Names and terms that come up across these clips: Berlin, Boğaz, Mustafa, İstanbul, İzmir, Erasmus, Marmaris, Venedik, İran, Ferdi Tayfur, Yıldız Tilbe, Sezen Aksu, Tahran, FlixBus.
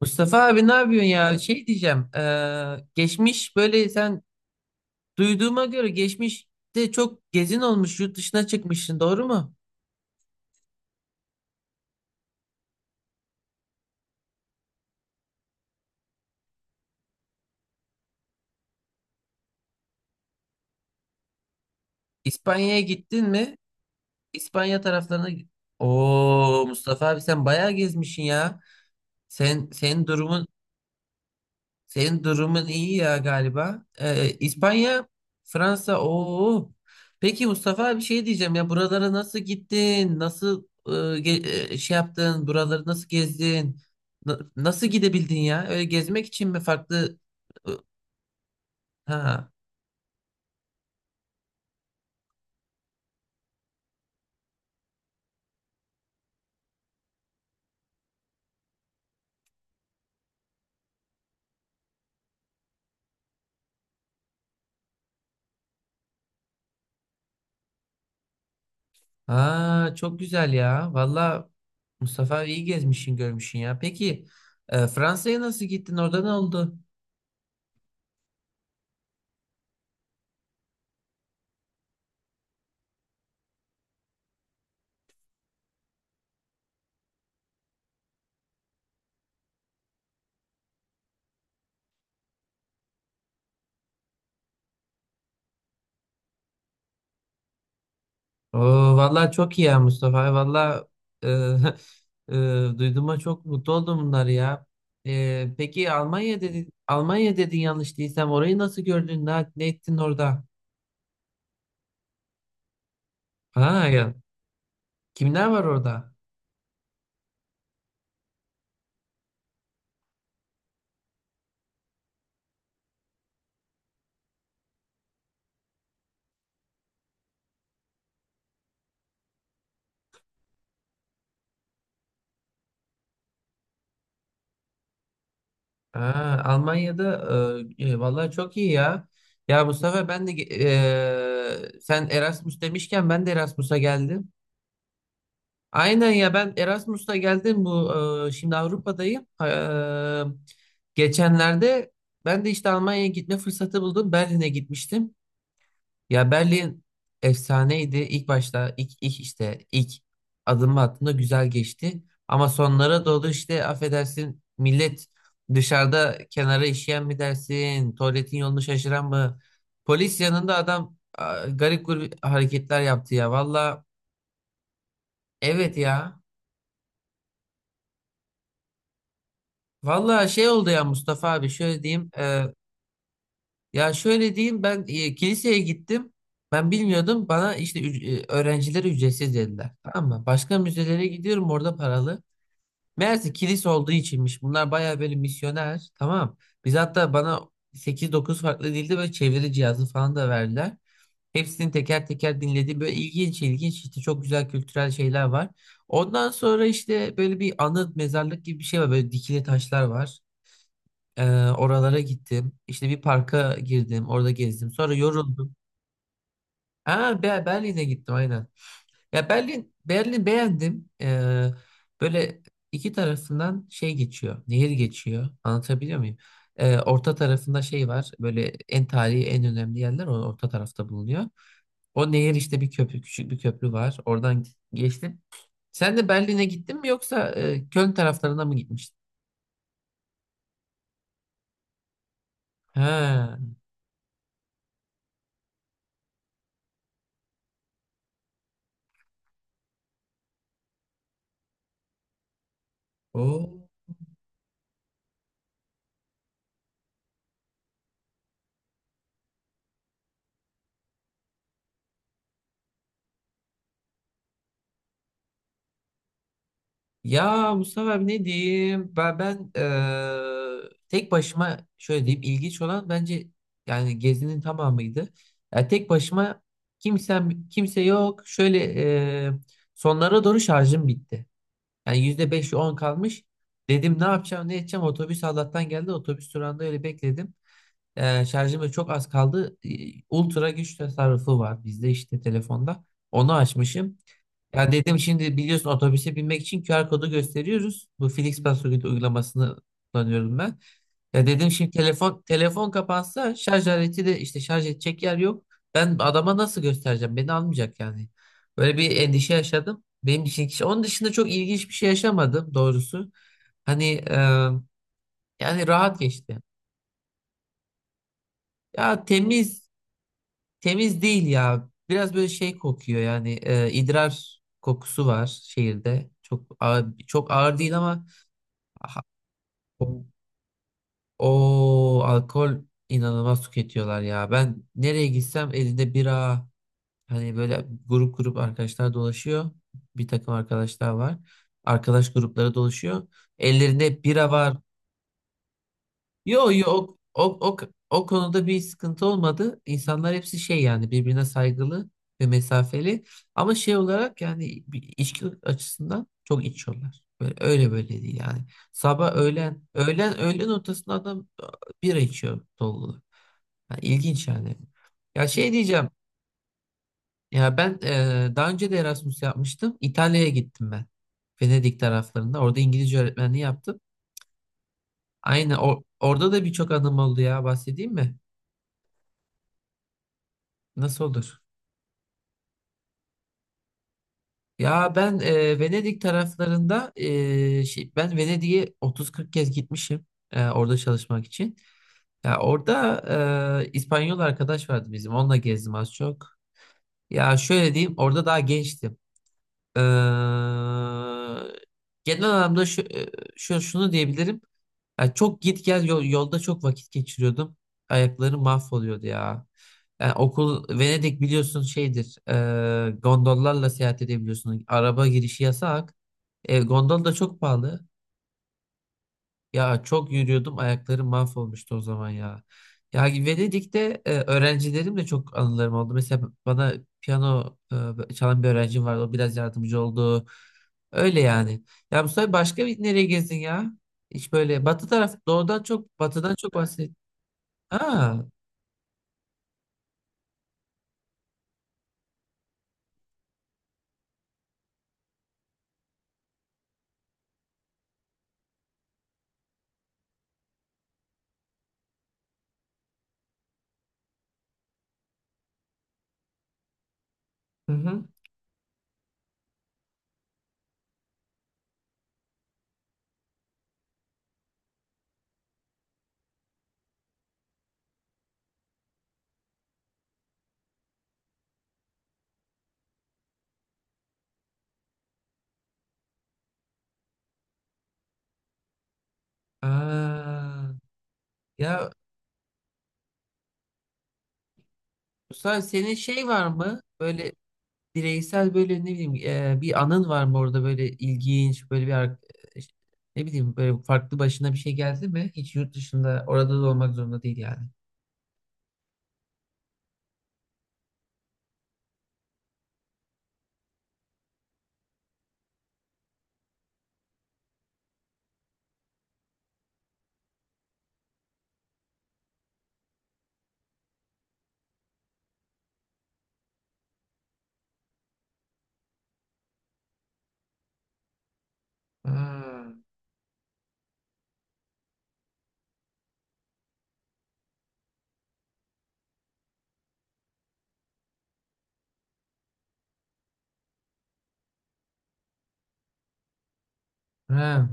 Mustafa abi ne yapıyorsun ya? Şey diyeceğim. Geçmiş böyle sen duyduğuma göre geçmişte çok gezin olmuş yurt dışına çıkmışsın doğru mu? İspanya'ya gittin mi? İspanya taraflarına. Oo Mustafa abi sen bayağı gezmişsin ya. Senin durumun. Senin durumun iyi ya galiba. İspanya, Fransa, oo. Peki Mustafa bir şey diyeceğim ya buralara nasıl gittin? Nasıl şey yaptın? Buraları nasıl gezdin? Nasıl gidebildin ya? Öyle gezmek için mi farklı? e, Ha. Ha, çok güzel ya. Valla Mustafa iyi gezmişsin, görmüşsün ya. Peki Fransa'ya nasıl gittin? Orada ne oldu? Oo, vallahi çok iyi ya Mustafa. Vallahi e, duyduğuma çok mutlu oldum bunları ya. E, peki Almanya dedin, Almanya dedin yanlış değilsem orayı nasıl gördün? Ne ettin orada? Ha ya. Kimler var orada? Ha, Almanya'da vallahi çok iyi ya. Ya Mustafa ben de ge- e, sen Erasmus demişken ben de Erasmus'a geldim. Aynen ya ben Erasmus'ta geldim bu şimdi Avrupa'dayım. Geçenlerde ben de işte Almanya'ya gitme fırsatı buldum. Berlin'e gitmiştim. Ya Berlin efsaneydi. İlk başta ilk adımı attığımda güzel geçti. Ama sonlara doğru işte affedersin millet dışarıda kenara işeyen mi dersin? Tuvaletin yolunu şaşıran mı? Polis yanında adam garip garip hareketler yaptı ya. Valla evet ya. Vallahi şey oldu ya Mustafa abi şöyle diyeyim. Ya şöyle diyeyim ben kiliseye gittim, ben bilmiyordum, bana işte öğrencilere ücretsiz dediler, tamam mı? Başka müzelere gidiyorum orada paralı. Meğerse kilise olduğu içinmiş bunlar bayağı böyle misyoner tamam. Biz hatta bana 8-9 farklı dilde böyle çeviri cihazı falan da verdiler. Hepsini teker teker dinledim, böyle ilginç ilginç işte çok güzel kültürel şeyler var. Ondan sonra işte böyle bir anıt mezarlık gibi bir şey var, böyle dikili taşlar var. Ee, Oralara gittim. İşte bir parka girdim. Orada gezdim. Sonra yoruldum. Ha, Berlin'e gittim aynen. Ya Berlin, beğendim. Böyle iki tarafından şey geçiyor. Nehir geçiyor. Anlatabiliyor muyum? Orta tarafında şey var. Böyle en tarihi en önemli yerler o orta tarafta bulunuyor. O nehir işte küçük bir köprü var. Oradan geçtim. Sen de Berlin'e gittin mi yoksa Köln taraflarına mı gitmiştin? Ha. O. Ya Mustafa abi ne diyeyim? Ben, ben tek başıma şöyle diyeyim ilginç olan bence yani gezinin tamamıydı. Ya tek başıma kimse yok. Şöyle sonlara doğru şarjım bitti. Yani %5-10 kalmış. Dedim ne yapacağım ne edeceğim, otobüs Allah'tan geldi, otobüs durağında öyle bekledim. Şarjım da çok az kaldı. Ultra güç tasarrufu var bizde işte telefonda. Onu açmışım. Ya dedim şimdi biliyorsun otobüse binmek için QR kodu gösteriyoruz. Bu FlixBus uygulamasını kullanıyorum ben. Ya dedim şimdi telefon kapansa, şarj aleti de işte şarj edecek yer yok. Ben adama nasıl göstereceğim? Beni almayacak yani. Böyle bir endişe yaşadım. Benim için kişi. Onun dışında çok ilginç bir şey yaşamadım doğrusu. Hani e, Yani rahat geçti. Ya temiz. Temiz değil ya. Biraz böyle şey kokuyor yani idrar kokusu var şehirde. Çok ağır, çok ağır değil ama aha, o, o alkol inanılmaz tüketiyorlar ya. Ben nereye gitsem elinde bira, hani böyle grup grup arkadaşlar dolaşıyor. Bir takım arkadaşlar var. Arkadaş grupları dolaşıyor. Ellerinde bira var. Yo yo O konuda bir sıkıntı olmadı. İnsanlar hepsi şey yani birbirine saygılı ve mesafeli. Ama şey olarak yani bir içki açısından çok içiyorlar. Böyle, öyle böyle değil yani. Sabah öğlen öğlen ortasında adam bira içiyor dolu. Ha, İlginç yani. Ya şey diyeceğim. Ya ben daha önce de Erasmus yapmıştım. İtalya'ya gittim ben. Venedik taraflarında. Orada İngilizce öğretmenliği yaptım. Aynen orada da birçok anım oldu ya, bahsedeyim mi? Nasıl olur? Ya ben Venedik taraflarında, ben Venedik'e 30-40 kez gitmişim orada çalışmak için. Ya orada İspanyol arkadaş vardı bizim. Onunla gezdim az çok. Ya şöyle diyeyim orada daha gençtim. Ee, Genel anlamda şu, şunu diyebilirim. Yani çok git gel, yolda çok vakit geçiriyordum. Ayaklarım mahvoluyordu ya. Yani okul Venedik biliyorsun şeydir. Gondollarla seyahat edebiliyorsun. Araba girişi yasak. Gondol da çok pahalı. Ya çok yürüyordum, ayaklarım mahvolmuştu o zaman ya. Ya Venedik'te öğrencilerim de çok anılarım oldu. Mesela bana piyano çalan bir öğrencim vardı. O biraz yardımcı oldu. Öyle yani. Ya Mustafa başka bir nereye gezdin ya? Hiç böyle batı taraf doğudan çok batıdan çok bahset. Aa, hı hı. Aa. Ya Mustafa senin şey var mı? Böyle bireysel böyle ne bileyim bir anın var mı orada, böyle ilginç böyle e, ne bileyim böyle farklı başına bir şey geldi mi? Hiç yurt dışında, orada da olmak zorunda değil yani. Ha, ha,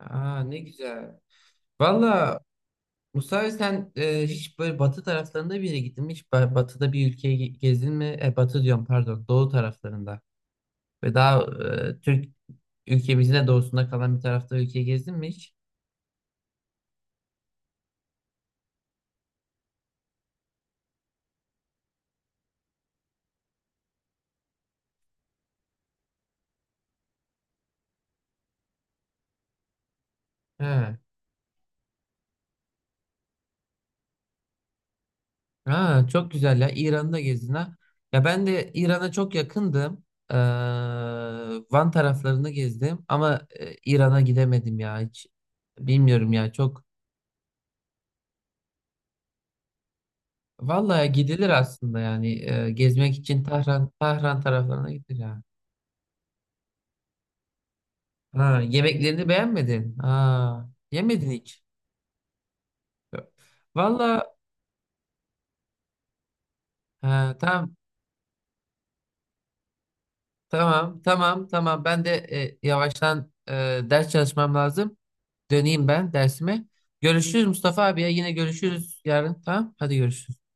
aa, ne güzel. Valla Musa sen hiç böyle batı taraflarında bir yere gittin mi? Hiç batıda bir ülkeye gezdin mi? E, batı diyorum pardon, doğu taraflarında. Ve daha Türk ülkemizin de doğusunda kalan bir tarafta ülkeye gezdin mi hiç? He. Ha, çok güzel ya. İran'da gezdin ha. Ya ben de İran'a çok yakındım. Ee, Van taraflarını gezdim ama İran'a gidemedim ya hiç. Bilmiyorum ya çok. Vallahi gidilir aslında yani gezmek için Tahran taraflarına gidilir ya. Ha, yemeklerini beğenmedin. Ha, yemedin hiç. Yok. Vallahi ha, tamam, tamam. Ben de yavaştan ders çalışmam lazım. Döneyim ben dersime. Görüşürüz Mustafa abi ya. Yine görüşürüz yarın. Tamam. Hadi görüşürüz.